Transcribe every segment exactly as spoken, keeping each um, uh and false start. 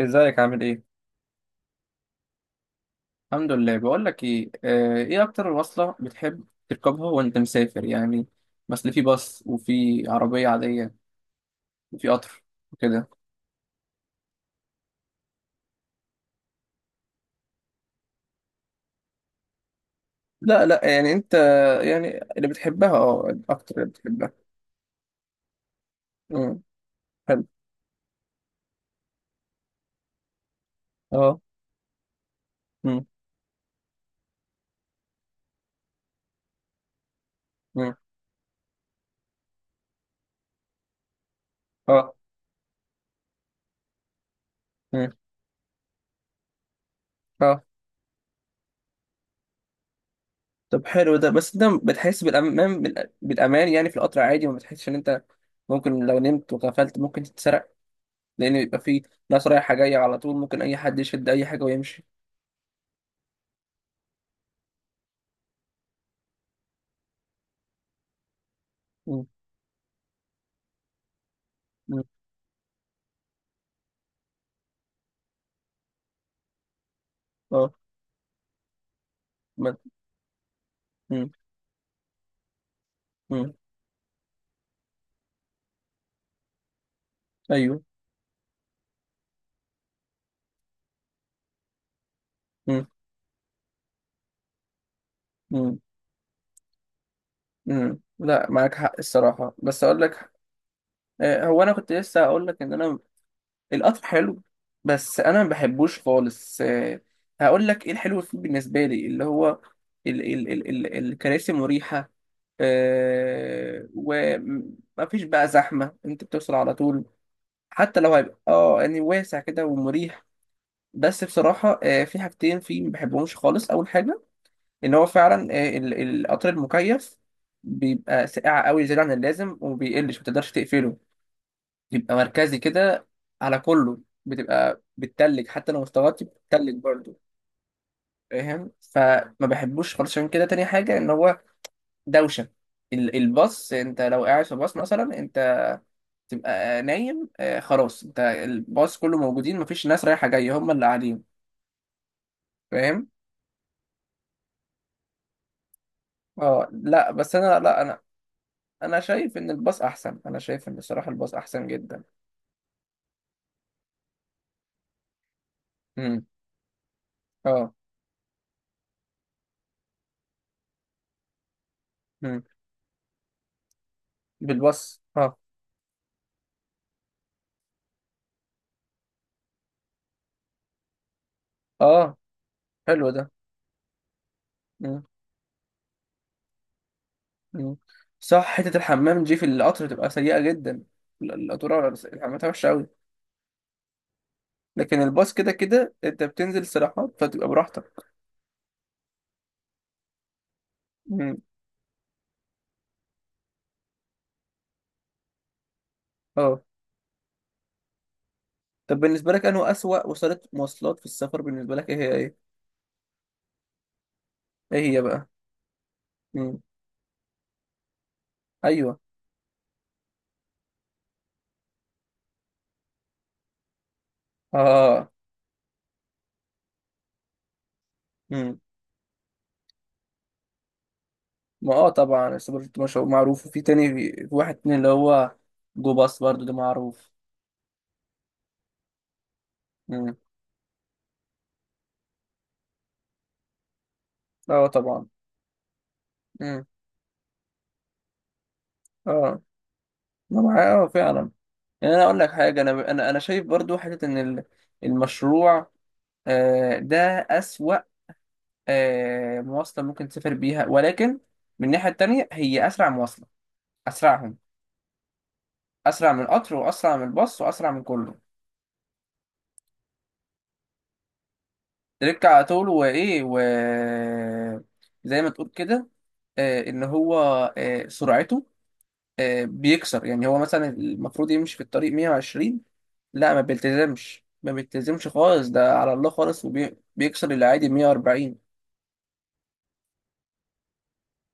ازيك عامل ايه؟ الحمد لله. بقول لك ايه، آه، ايه اكتر وصلة بتحب تركبها وانت مسافر يعني؟ مثلا في باص وفي عربية عادية وفي قطر وكده. لا لا يعني انت يعني اللي بتحبها، اه، اكتر اللي بتحبها. امم حلو. اه. امم امم اه. امم اه. طب حلو ده، بس انت بتحس بالامان بالأ- بالامان يعني في القطر عادي؟ وما بتحسش ان انت ممكن لو نمت وغفلت ممكن تتسرق، لان بيبقى في ناس رايحة جاية على طول، ممكن اي حد يشد اي حاجة ويمشي. مم. اه. ما- مم. مم. ايوه. مم. مم. مم. لا، معاك حق الصراحه، بس اقول لك، آه، هو انا كنت لسه هقول لك ان انا القطر حلو، بس انا ما بحبوش خالص. آه، هقول لك ايه الحلو فيه بالنسبه لي، اللي هو ال ال ال ال الكراسي مريحه، آه، وما فيش بقى زحمه، انت بتوصل على طول. حتى لو هيبقى اه يعني واسع كده ومريح. بس بصراحه، آه، في حاجتين فيه ما بحبهمش خالص. اول حاجه ان هو فعلا، آه، ال- القطر المكيف بيبقى ساقع قوي زياده عن اللازم، وما بيقلش، ما تقدرش تقفله، بيبقى مركزي كده على كله. بتبقى بتتلج، حتى لو مستواتي بتتلج برضه. فاهم؟ فما بحبوش خالص. عشان كده تاني حاجه ان هو دوشه. ال- الباص، انت لو قاعد في باص مثلا، انت تبقى نايم، آه، خلاص، انت الباص كله موجودين، مفيش ناس رايحه جايه، هم اللي قاعدين. فاهم؟ اه لا، بس انا، لا انا انا شايف ان الباص احسن، انا شايف ان الصراحه الباص احسن جدا. امم اه. امم بالبص اه. اه حلو ده. امم امم صح، حتة الحمام دي في القطر بتبقى سيئة جدا، ال- القطورة، ولا الس- الحمامات وحشة أوي. لكن الباص كده كده أنت بتنزل استراحات، فتبقى براحتك. امم. اه. طب بالنسبة لك، أنه أسوأ وسيلة مواصلات في السفر بالنسبة لك، إيه هي، إيه؟ إيه هي بقى؟ امم. أيوه. اه. امم. ما اه، طبعا السوبر جيت مش معروف، وفي تاني، في في واحد تاني اللي هو جو باص برضه ده معروف. امم. اه طبعا. امم. اه. ما معايا اه فعلا. يعني انا اقول لك حاجه، انا انا انا شايف برضو حته ان ال- المشروع، آه، ده اسوأ، آه، مواصله ممكن تسافر بيها، ولكن من الناحيه التانيه هي اسرع مواصله، اسرعهم. اسرع من القطر، واسرع من الباص، واسرع من كله. تركع على طول، وايه و، زي ما تقول كده، آه، ان هو، آه، سرعته، آه، بيكسر. يعني هو مثلا المفروض يمشي في الطريق مية وعشرين، لا ما بيلتزمش، ما بيلتزمش خالص، ده على الله خالص، وبيكسر العادي مائة واربعين.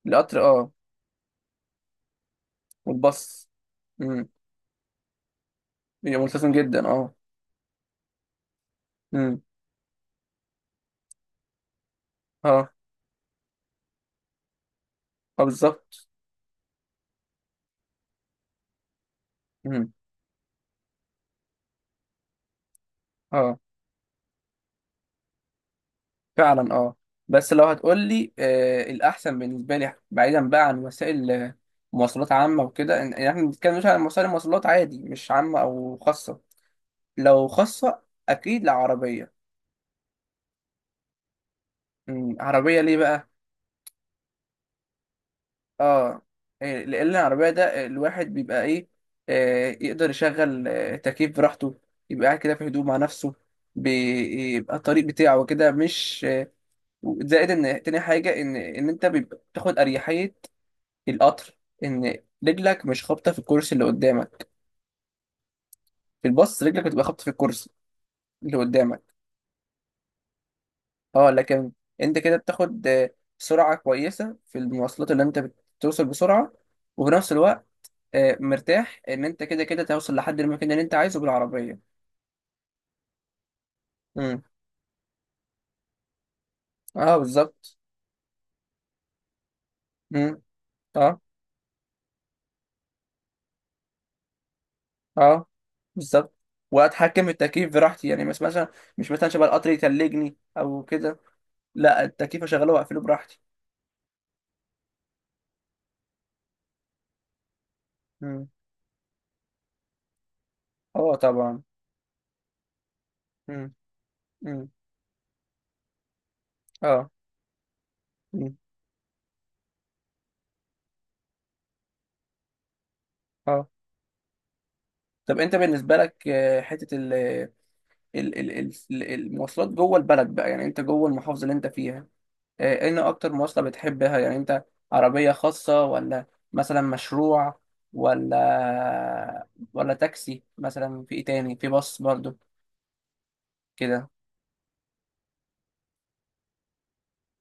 القطر اه، والباص، امم، بيبقى ملتزم جدا اه. امم. اه اه بالظبط. امم. اه فعلا. اه. بس لو هتقول لي، آه، الاحسن بالنسبه لي، بعيدا بقى عن وسائل، آه، مواصلات عامه وكده، إن- يعني احنا بنتكلم مش عن وسائل مواصلات، عادي، مش عامه او خاصه. لو خاصه اكيد، لا، عربيه. مم، عربية ليه بقى؟ اه، إيه، لأن العربية ده الواحد بيبقى ايه، آه، يقدر يشغل، آه، تكييف براحته، يبقى قاعد كده في هدوء مع نفسه، بيبقى الطريق بتاعه كده مش، آه، زائد ان تاني حاجة، ان ان انت بيبقى بتاخد اريحية. القطر، ان رجلك مش خابطة في الكرسي اللي قدامك. في الباص رجلك بتبقى خابطة في الكرسي اللي قدامك. اه، لكن انت كده بتاخد، آه، سرعة كويسة في المواصلات، اللي انت بتوصل بسرعة، وفي نفس الوقت، آه، مرتاح ان انت كده كده توصل لحد المكان اللي انت عايزه بالعربيه. امم. اه بالظبط. امم. اه اه بالظبط. واتحكم في التكييف براحتي، يعني مش مثلا، مش مثلا شبه القطر يتلجني او كده، لا، التكييف اشغله واقفله براحتي. امم. اه طبعا. امم امم اه. امم. اه. طب انت بالنسبه لك، آه، حته ال ال- ال- ال- المواصلات جوه البلد بقى، يعني انت جوه المحافظه اللي انت فيها، آه، ايه إن اكتر مواصلة بتحبها يعني انت؟ عربية خاصة، ولا مثلا مشروع، ولا ولا تاكسي مثلا، في ايه تاني، في باص برضو؟ كده.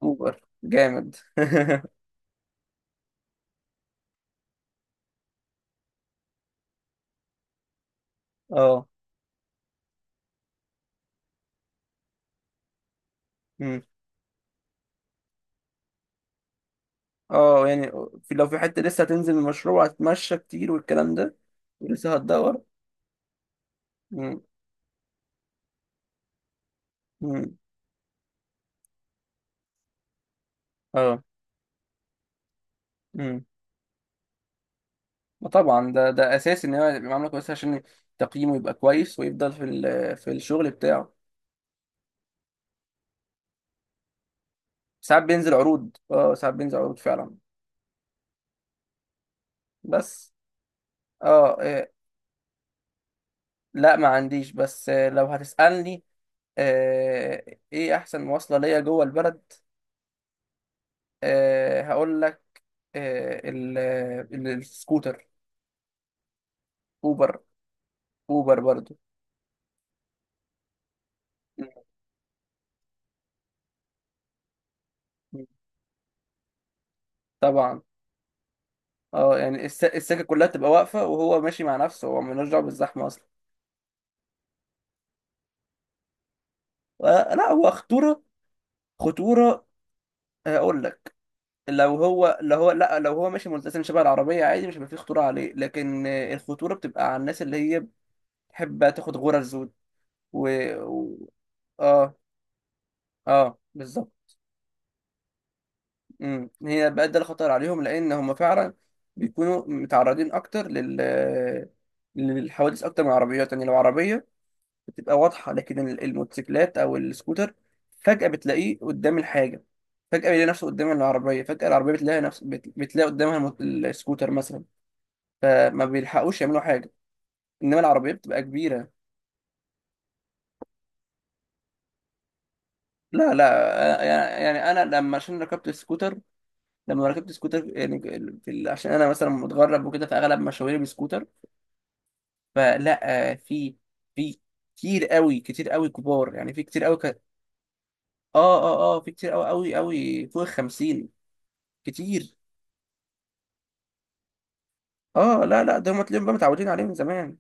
اوبر جامد اه. أمم. اه يعني، في لو في حتة لسه هتنزل المشروع، هتمشى كتير والكلام ده، ولسه هتدور. أمم. أمم. اه. أمم. وطبعا ده، ده اساسي ان هو يبقى معامله كويسه، عشان تقييمه يبقى كويس، ويفضل في ال- في الشغل بتاعه. ساعات بينزل عروض، اه ساعات بينزل عروض فعلا. بس اه إيه، لا ما عنديش، بس آه، لو هتسألني، آه، ايه احسن مواصلة ليا جوه البلد، آه، هقول لك، آه، ال- ال- السكوتر. اوبر. اوبر برضو. مم. طبعا. اه، يعني الس- السكة كلها تبقى واقفة وهو ماشي مع نفسه، هو ملوش دعوة بالزحمة اصلا. آه، لا هو خطورة، خطورة، آه، اقول لك، لو هو، لو هو لا لو هو ماشي ملتزم شبه العربية عادي، مش هيبقى فيه خطورة عليه، لكن آه، الخطورة بتبقى على الناس اللي هي بتحب تاخد غرز. و، و- اه. اه بالظبط. امم، هي بقى ده الخطر عليهم، لان هم فعلا بيكونوا متعرضين اكتر لل، للحوادث اكتر من العربيات. يعني لو عربيه بتبقى واضحه، لكن ال- الموتوسيكلات او السكوتر فجاه بتلاقيه قدام الحاجه. فجاه بيلاقي نفسه قدام العربيه، فجاه العربيه بتلاقي نفس بت- بتلاقي قدامها الموت- السكوتر مثلا، فما بيلحقوش يعملوا حاجه، انما العربيه بتبقى كبيره. لا لا أنا- يعني انا لما، عشان ركبت السكوتر، لما ركبت سكوتر يعني، في ال... عشان انا مثلا متغرب وكده، فاغلب مشاويري بسكوتر، فلا، آه، في في كتير قوي، كتير قوي كبار، يعني في كتير قوي ك... اه اه اه في كتير قوي قوي قوي فوق الخمسين. كتير. اه، لا لا ده هم تلاقيهم بقى متعودين عليه من زمان.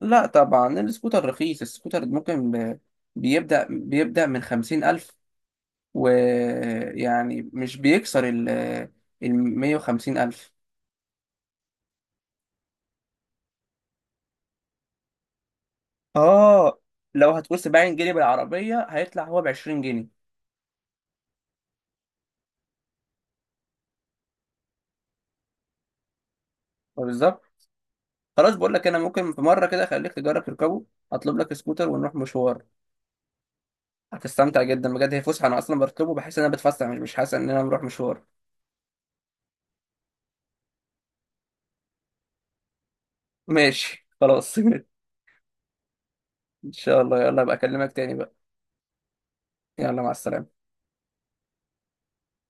لا طبعا السكوتر رخيص. السكوتر ممكن ب... بيبدأ بيبدأ من خمسين ألف، ويعني مش بيكسر ال ال مية وخمسين ألف. اه، لو هتقول سبعين جنيه بالعربية، هيطلع هو ب عشرين جنيه. آه، بالظبط. خلاص بقول لك انا، ممكن في مره كده اخليك تجرب تركبه، هطلب لك سكوتر ونروح مشوار. هتستمتع جدا بجد، هي فسحه، انا اصلا بطلبه بحس ان انا بتفسح، مش مش حاسس ان انا بروح مشوار. ماشي خلاص ان شاء الله، يلا بقى اكلمك تاني بقى. يلا مع السلامه.